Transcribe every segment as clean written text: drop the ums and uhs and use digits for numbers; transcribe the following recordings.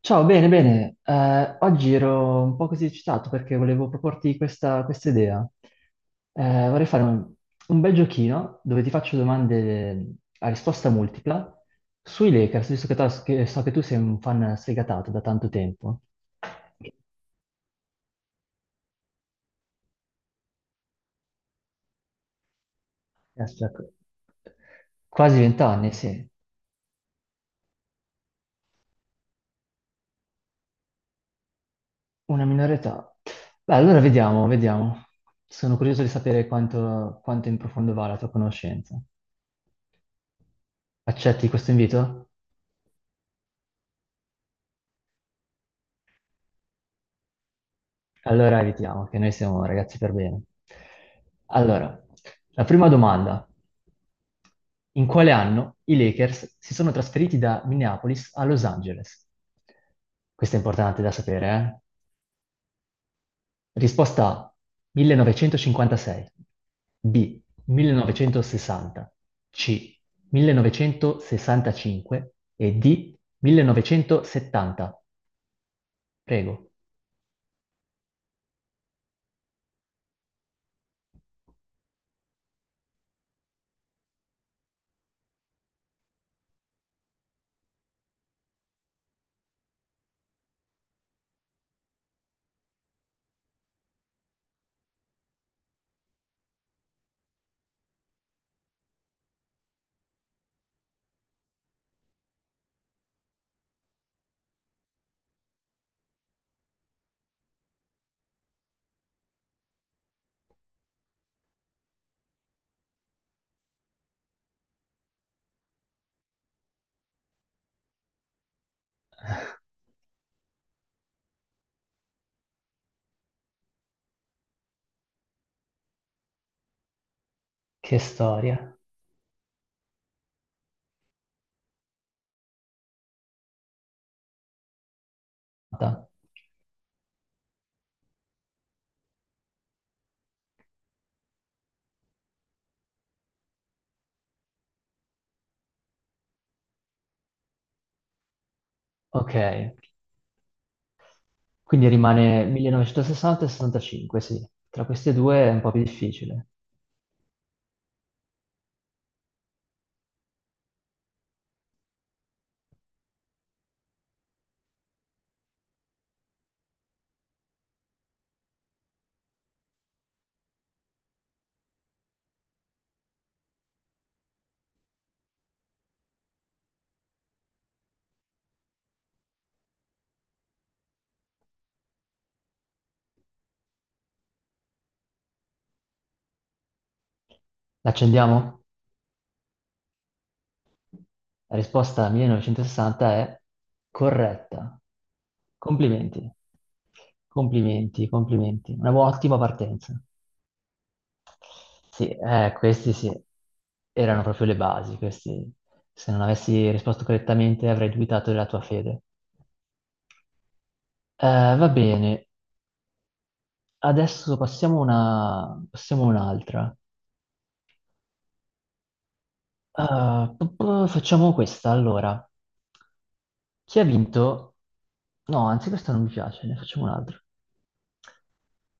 Ciao, bene, bene. Oggi ero un po' così eccitato perché volevo proporti questa idea. Vorrei fare un bel giochino dove ti faccio domande a risposta multipla sui Lakers, visto che so che tu sei un fan sfegatato da tanto tempo. Aspetta, quasi vent'anni, sì. Una minore età. Beh, allora vediamo, vediamo. Sono curioso di sapere quanto in profondo va la tua conoscenza. Accetti questo invito? Allora evitiamo, che noi siamo ragazzi per bene. Allora, la prima domanda. In quale anno i Lakers si sono trasferiti da Minneapolis a Los Angeles? Questa è importante da sapere, eh? Risposta A, 1956, B, 1960, C, 1965 e D, 1970. Prego. Che storia. Ok. Quindi rimane 1960 e 65, sì. Tra queste due è un po' più difficile. L'accendiamo? La risposta 1960 è corretta. Complimenti. Complimenti, complimenti. Ottima partenza. Sì, questi sì, erano proprio le basi. Questi, se non avessi risposto correttamente avrei dubitato della tua fede. Va bene, adesso passiamo a un'altra. Ah, facciamo questa allora. Chi ha vinto? No, anzi, questa non mi piace, ne facciamo un'altra.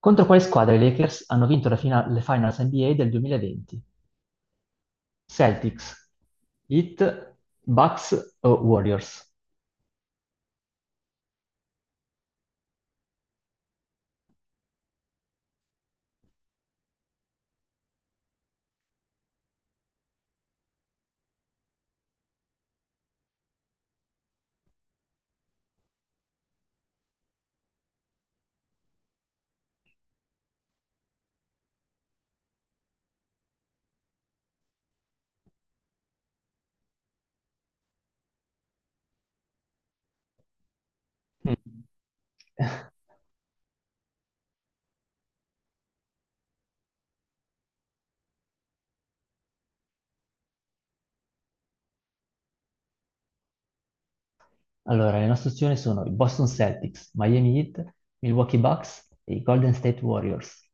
Contro quale squadra i Lakers hanno vinto le Finals NBA del 2020? Celtics, Heat, Bucks o Warriors? Mm. Allora, le nostre opzioni sono i Boston Celtics, Miami Heat, Milwaukee Bucks e i Golden State Warriors.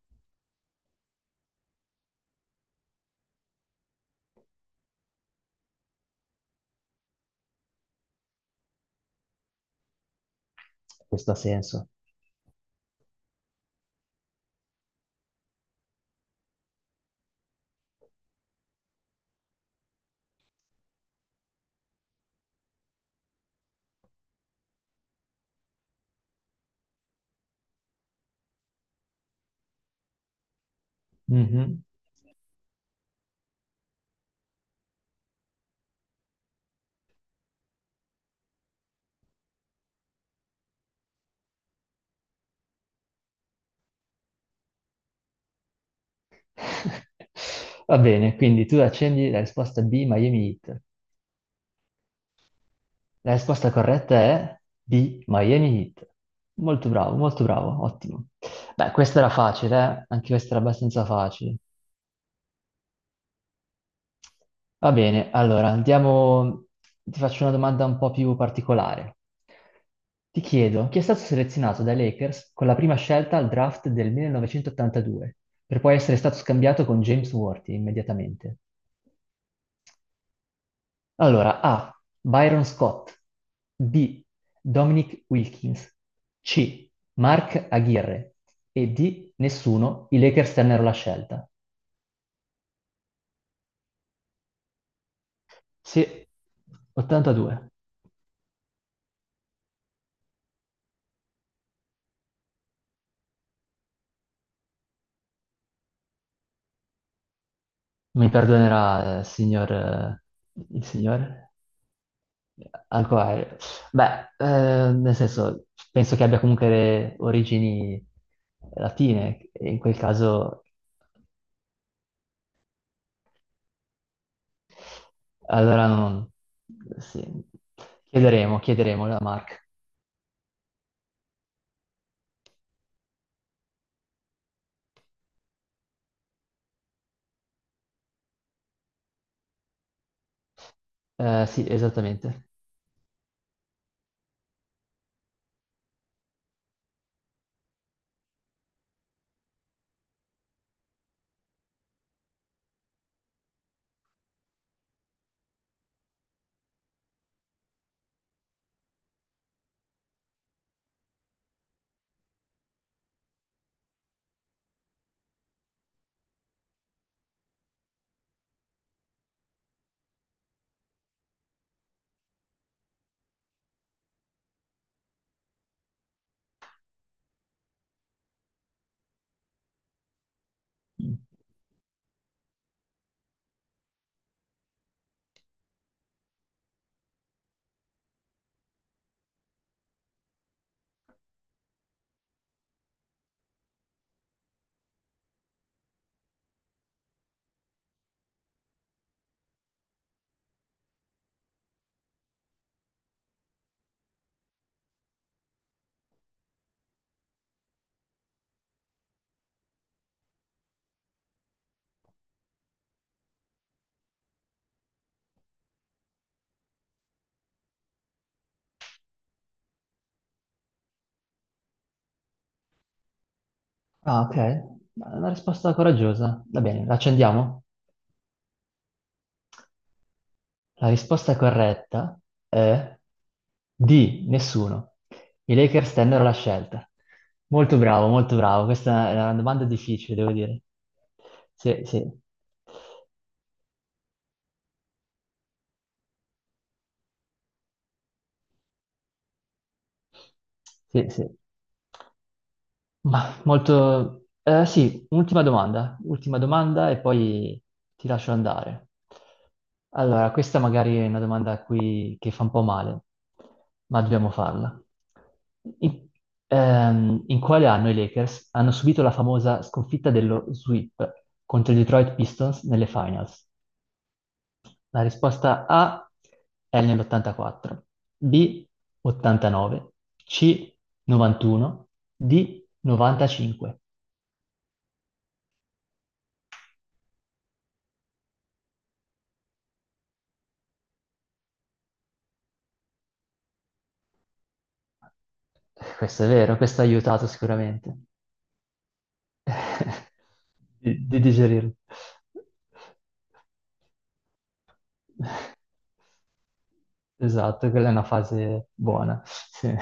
Questo ha senso. Mhm. Va bene, quindi tu accendi la risposta B, Miami Heat. La risposta corretta è B, Miami Heat. Molto bravo, ottimo. Beh, questa era facile, eh? Anche questa era abbastanza facile. Va bene, allora andiamo, ti faccio una domanda un po' più particolare. Ti chiedo, chi è stato selezionato dai Lakers con la prima scelta al draft del 1982, per poi essere stato scambiato con James Worthy immediatamente? Allora, A. Byron Scott. B. Dominic Wilkins. C. Mark Aguirre. E D. Nessuno. I Lakers tennero la scelta. Sì, 82. Mi perdonerà, il signor Alcoair. Beh, nel senso, penso che abbia comunque le origini latine, e in quel caso, allora non... Sì. Chiederemo a Mark. Sì, esattamente. Mm. Ah, ok. Una risposta coraggiosa. Va bene, la accendiamo. La risposta corretta è di nessuno. I Lakers tennero la scelta. Molto bravo, molto bravo. Questa è una domanda difficile, devo dire. Sì, sì. Sì, sì. Sì, ultima domanda e poi ti lascio andare. Allora, questa magari è una domanda che fa un po' male, ma dobbiamo farla. In, in quale anno i Lakers hanno subito la famosa sconfitta dello sweep contro i Detroit Pistons nelle finals? La risposta A è nell'84, B 89, C 91, D 95. Questo è vero, questo ha aiutato sicuramente di digerirlo. Esatto, quella è una fase buona. Sì.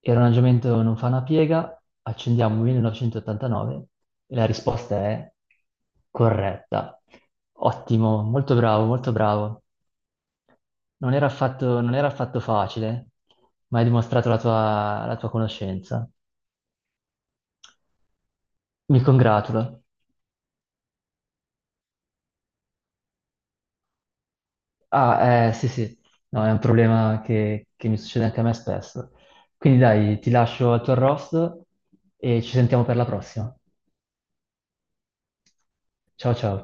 Il ragionamento non fa una piega, accendiamo 1989 e la risposta è corretta. Ottimo, molto bravo, molto bravo. Non era affatto facile, ma hai dimostrato la tua conoscenza. Mi congratulo. Ah, sì, sì, no, è un problema che mi succede anche a me spesso. Quindi dai, ti lascio al tuo arrosto e ci sentiamo per la prossima. Ciao ciao.